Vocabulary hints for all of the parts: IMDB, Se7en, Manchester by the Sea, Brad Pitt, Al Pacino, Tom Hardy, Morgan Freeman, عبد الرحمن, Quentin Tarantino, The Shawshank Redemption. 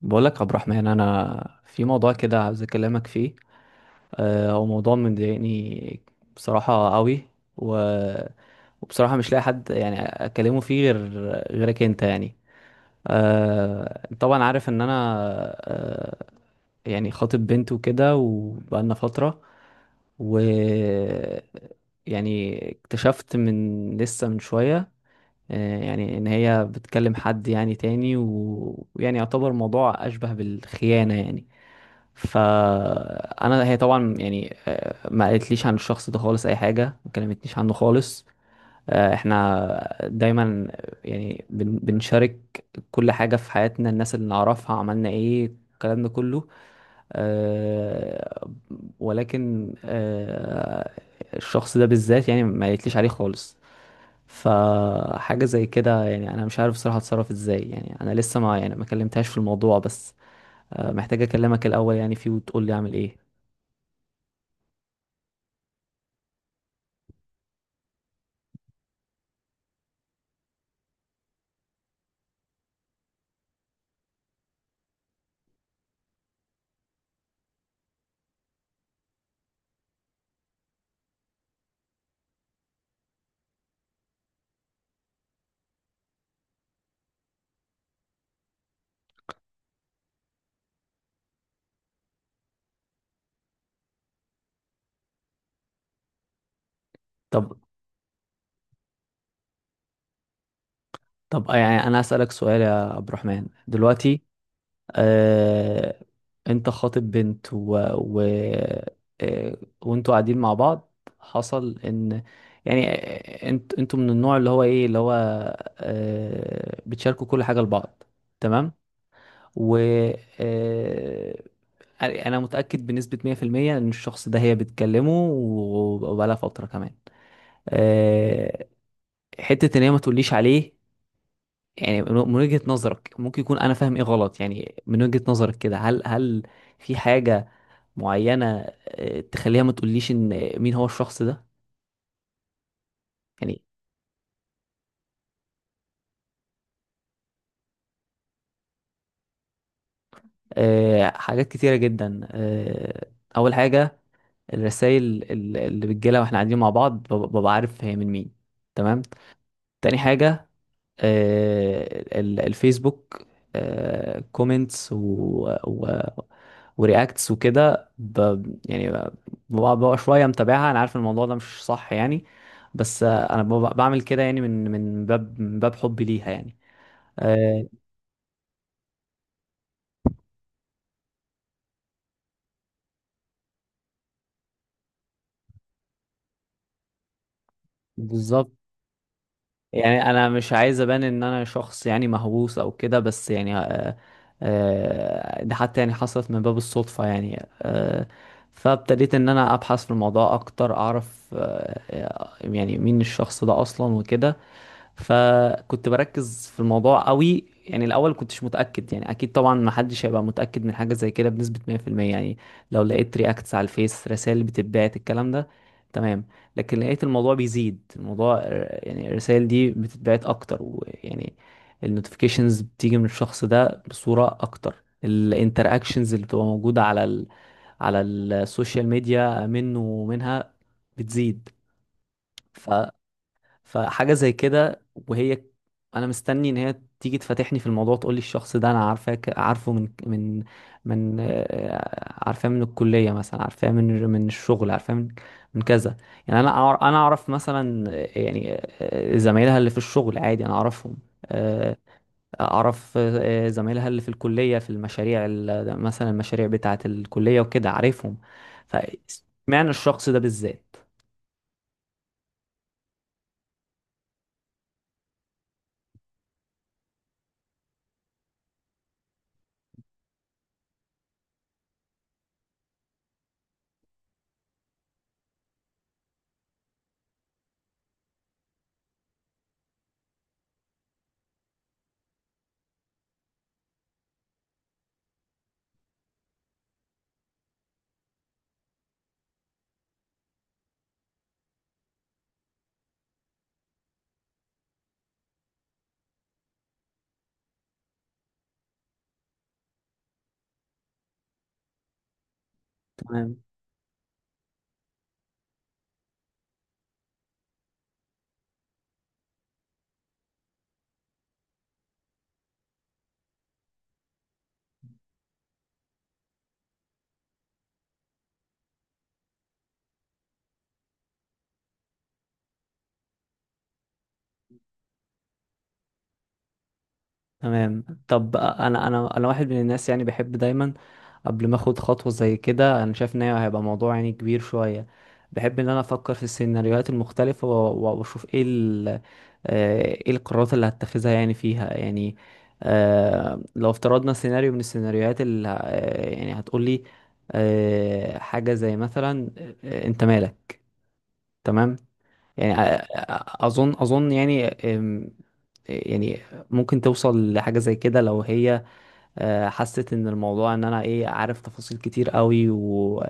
بقولك يا عبد الرحمن انا في موضوع كده عاوز اكلمك فيه. هو موضوع مضايقني بصراحه قوي. و... وبصراحه مش لاقي حد يعني اكلمه فيه غير غيرك انت يعني. أنت طبعا عارف ان انا آه، يعني خاطب بنت وكده وبقالنا فتره. و يعني اكتشفت من لسه من شويه يعني ان هي بتكلم حد يعني تاني ويعني يعتبر موضوع اشبه بالخيانة يعني. فانا هي طبعا يعني ما قالتليش عن الشخص ده خالص اي حاجة، ما كلمتنيش عنه خالص. احنا دايما يعني بنشارك كل حاجة في حياتنا، الناس اللي نعرفها، عملنا ايه، الكلام ده كله. آه، ولكن الشخص ده بالذات يعني ما قالتليش عليه خالص. فحاجة زي كده يعني أنا مش عارف بصراحة أتصرف إزاي. يعني أنا لسه ما يعني ما كلمتهاش في الموضوع، بس محتاج أكلمك الأول يعني فيه، وتقول لي أعمل إيه. طب طب يعني أنا أسألك سؤال يا عبد الرحمن دلوقتي. آه، أنت خاطب بنت و وأنتوا قاعدين مع بعض. حصل إن يعني أنت أنتوا من النوع اللي هو إيه، اللي هو بتشاركوا كل حاجة لبعض، تمام. و آه، انا متاكد بنسبه 100% ان الشخص ده هي بتكلمه وبقالها فتره كمان. أه، حته ان هي ما تقوليش عليه. يعني من وجهه نظرك ممكن يكون انا فاهم ايه غلط؟ يعني من وجهه نظرك كده، هل في حاجه معينه تخليها ما تقوليش ان مين هو الشخص ده؟ يعني أه، حاجات كتيره جدا. أه، اول حاجه الرسائل اللي بتجيلها واحنا قاعدين مع بعض، ببقى عارف هي من مين، تمام. تاني حاجه الفيسبوك، كومنتس و ورياكتس وكده ب... يعني ب- ببقى ببقى شويه متابعها. انا عارف إن الموضوع ده مش صح يعني، بس انا ببقى بعمل كده يعني من باب حبي ليها يعني. آه، بالظبط. يعني انا مش عايز ابان ان انا شخص يعني مهووس او كده، بس يعني ده حتى يعني حصلت من باب الصدفة يعني. فابتديت ان انا ابحث في الموضوع اكتر، اعرف يعني مين الشخص ده اصلا وكده. فكنت بركز في الموضوع قوي يعني. الاول كنتش متاكد يعني، اكيد طبعا ما حدش هيبقى متاكد من حاجه زي كده بنسبه 100% يعني، لو لقيت رياكتس على الفيس، رسائل بتتبعت، الكلام ده، تمام. لكن لقيت الموضوع بيزيد، الموضوع يعني الرسائل دي بتتبعت اكتر، ويعني النوتيفيكيشنز بتيجي من الشخص ده بصوره اكتر، الانتراكشنز اللي بتبقى موجوده على على السوشيال ميديا منه ومنها بتزيد. فحاجة زي كده، وهي انا مستني ان هي تيجي تفتحني في الموضوع، تقول لي الشخص ده انا عارفاك عارفه من عارفاه من الكلية مثلا، عارفاه من الشغل، عارفاه من من كذا. يعني انا انا اعرف مثلا زمايلها اللي في الشغل عادي انا اعرفهم. آه، اعرف زمايلها اللي في الكلية في المشاريع مثلا المشاريع بتاعة الكلية وكده عارفهم. فمعنى الشخص ده بالذات. تمام. طب انا واحد من الناس يعني بحب دايما قبل ما اخد خطوه زي كده، انا شايف ان هي هيبقى موضوع يعني كبير شويه، بحب ان انا افكر في السيناريوهات المختلفه واشوف ايه ال آه، ايه القرارات اللي هتخذها يعني فيها يعني. لو افترضنا سيناريو من السيناريوهات اللي يعني هتقولي حاجه زي مثلا انت مالك، تمام. يعني اظن اظن يعني يعني ممكن توصل لحاجة زي كده لو هي حست ان الموضوع ان انا ايه، عارف تفاصيل كتير قوي، و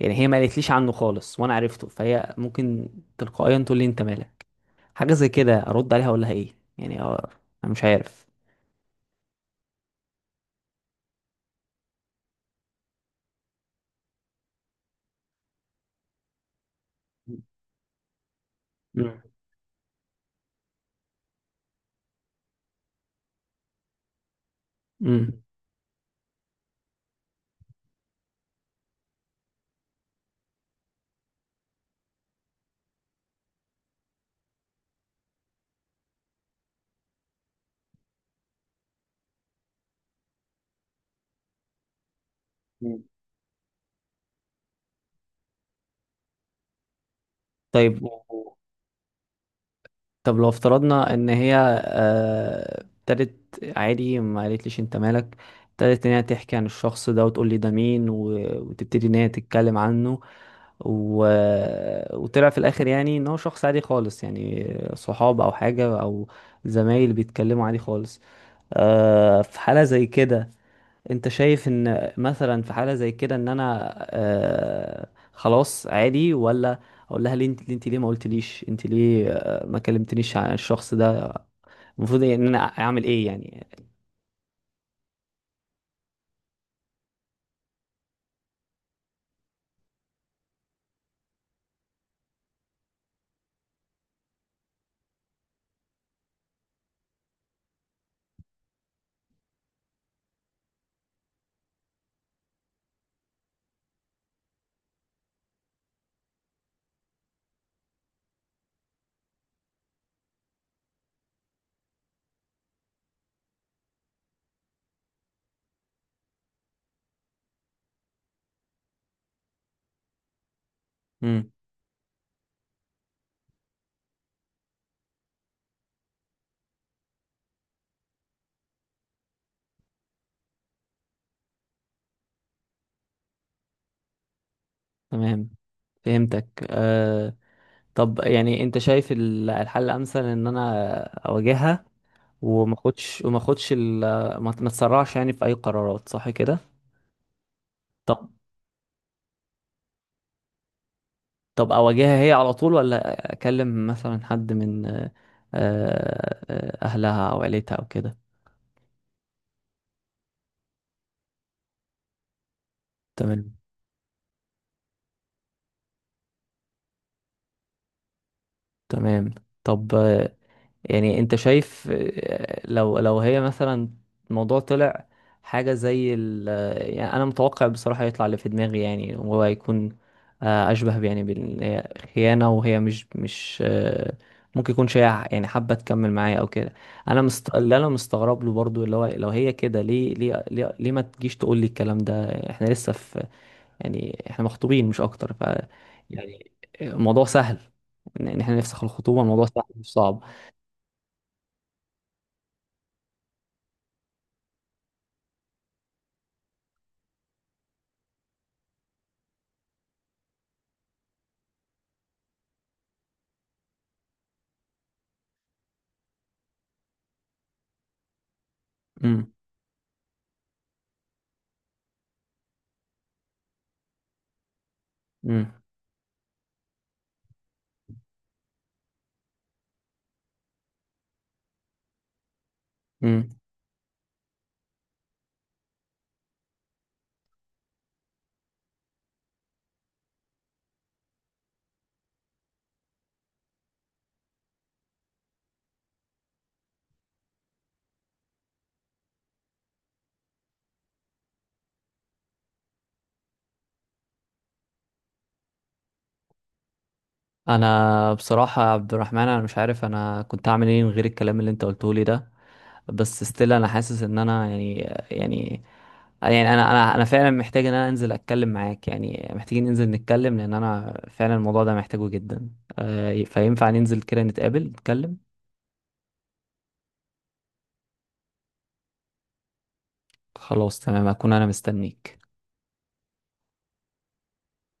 يعني هي ما قالتليش عنه خالص وانا عرفته، فهي ممكن تلقائيا تقول لي انت مالك. حاجة زي كده ارد عليها اقول لها ايه يعني؟ انا مش عارف. مم. مم. طيب. طب لو افترضنا ان هي ابتدت عادي ما قالتليش انت مالك، ابتدت ان هي تحكي عن الشخص ده وتقول لي ده مين وتبتدي ان هي تتكلم عنه. و... وطلع في الاخر يعني ان هو شخص عادي خالص يعني صحاب او حاجة او زمايل بيتكلموا عادي خالص. في حالة زي كده، انت شايف ان مثلا في حالة زي كده ان انا آه خلاص عادي، ولا اقول لها ليه انت ليه, انت ليه ما قلتليش، انت ليه آه ما كلمتنيش عن الشخص ده؟ المفروض ان انا اعمل ايه يعني؟ امم. تمام، فهمتك آه. طب يعني انت شايف الحل الامثل ان انا اواجهها، وما اخدش وما اخدش ال- ما ما تسرعش يعني في اي قرارات، صح كده؟ طب طب اواجهها هي على طول، ولا اكلم مثلا حد من اهلها او عيلتها او كده؟ تمام. تمام. طب يعني انت شايف لو هي مثلا الموضوع طلع حاجة زي ال آه، يعني انا متوقع بصراحة يطلع اللي في دماغي يعني، وهو هيكون اشبه يعني بالخيانة، وهي مش ممكن يكون شيء يعني حابة تكمل معايا او كده. اللي انا مستغرب له برضو اللي هو، لو هي كده ليه ليه ما تجيش تقول لي الكلام ده؟ احنا لسه في يعني، احنا مخطوبين مش اكتر، ف يعني الموضوع سهل، إن احنا نفسخ الخطوبة الموضوع سهل مش صعب. امم امم. انا بصراحه يا عبد الرحمن انا مش عارف انا كنت اعمل ايه من غير الكلام اللي انت قلته لي ده، بس ستيل انا حاسس ان انا يعني، يعني، يعني انا فعلا محتاج ان انا انزل اتكلم معاك، يعني محتاجين ننزل نتكلم، لان انا فعلا الموضوع ده محتاجه جدا. فينفع ننزل كده نتقابل نتكلم؟ خلاص تمام، هكون انا مستنيك.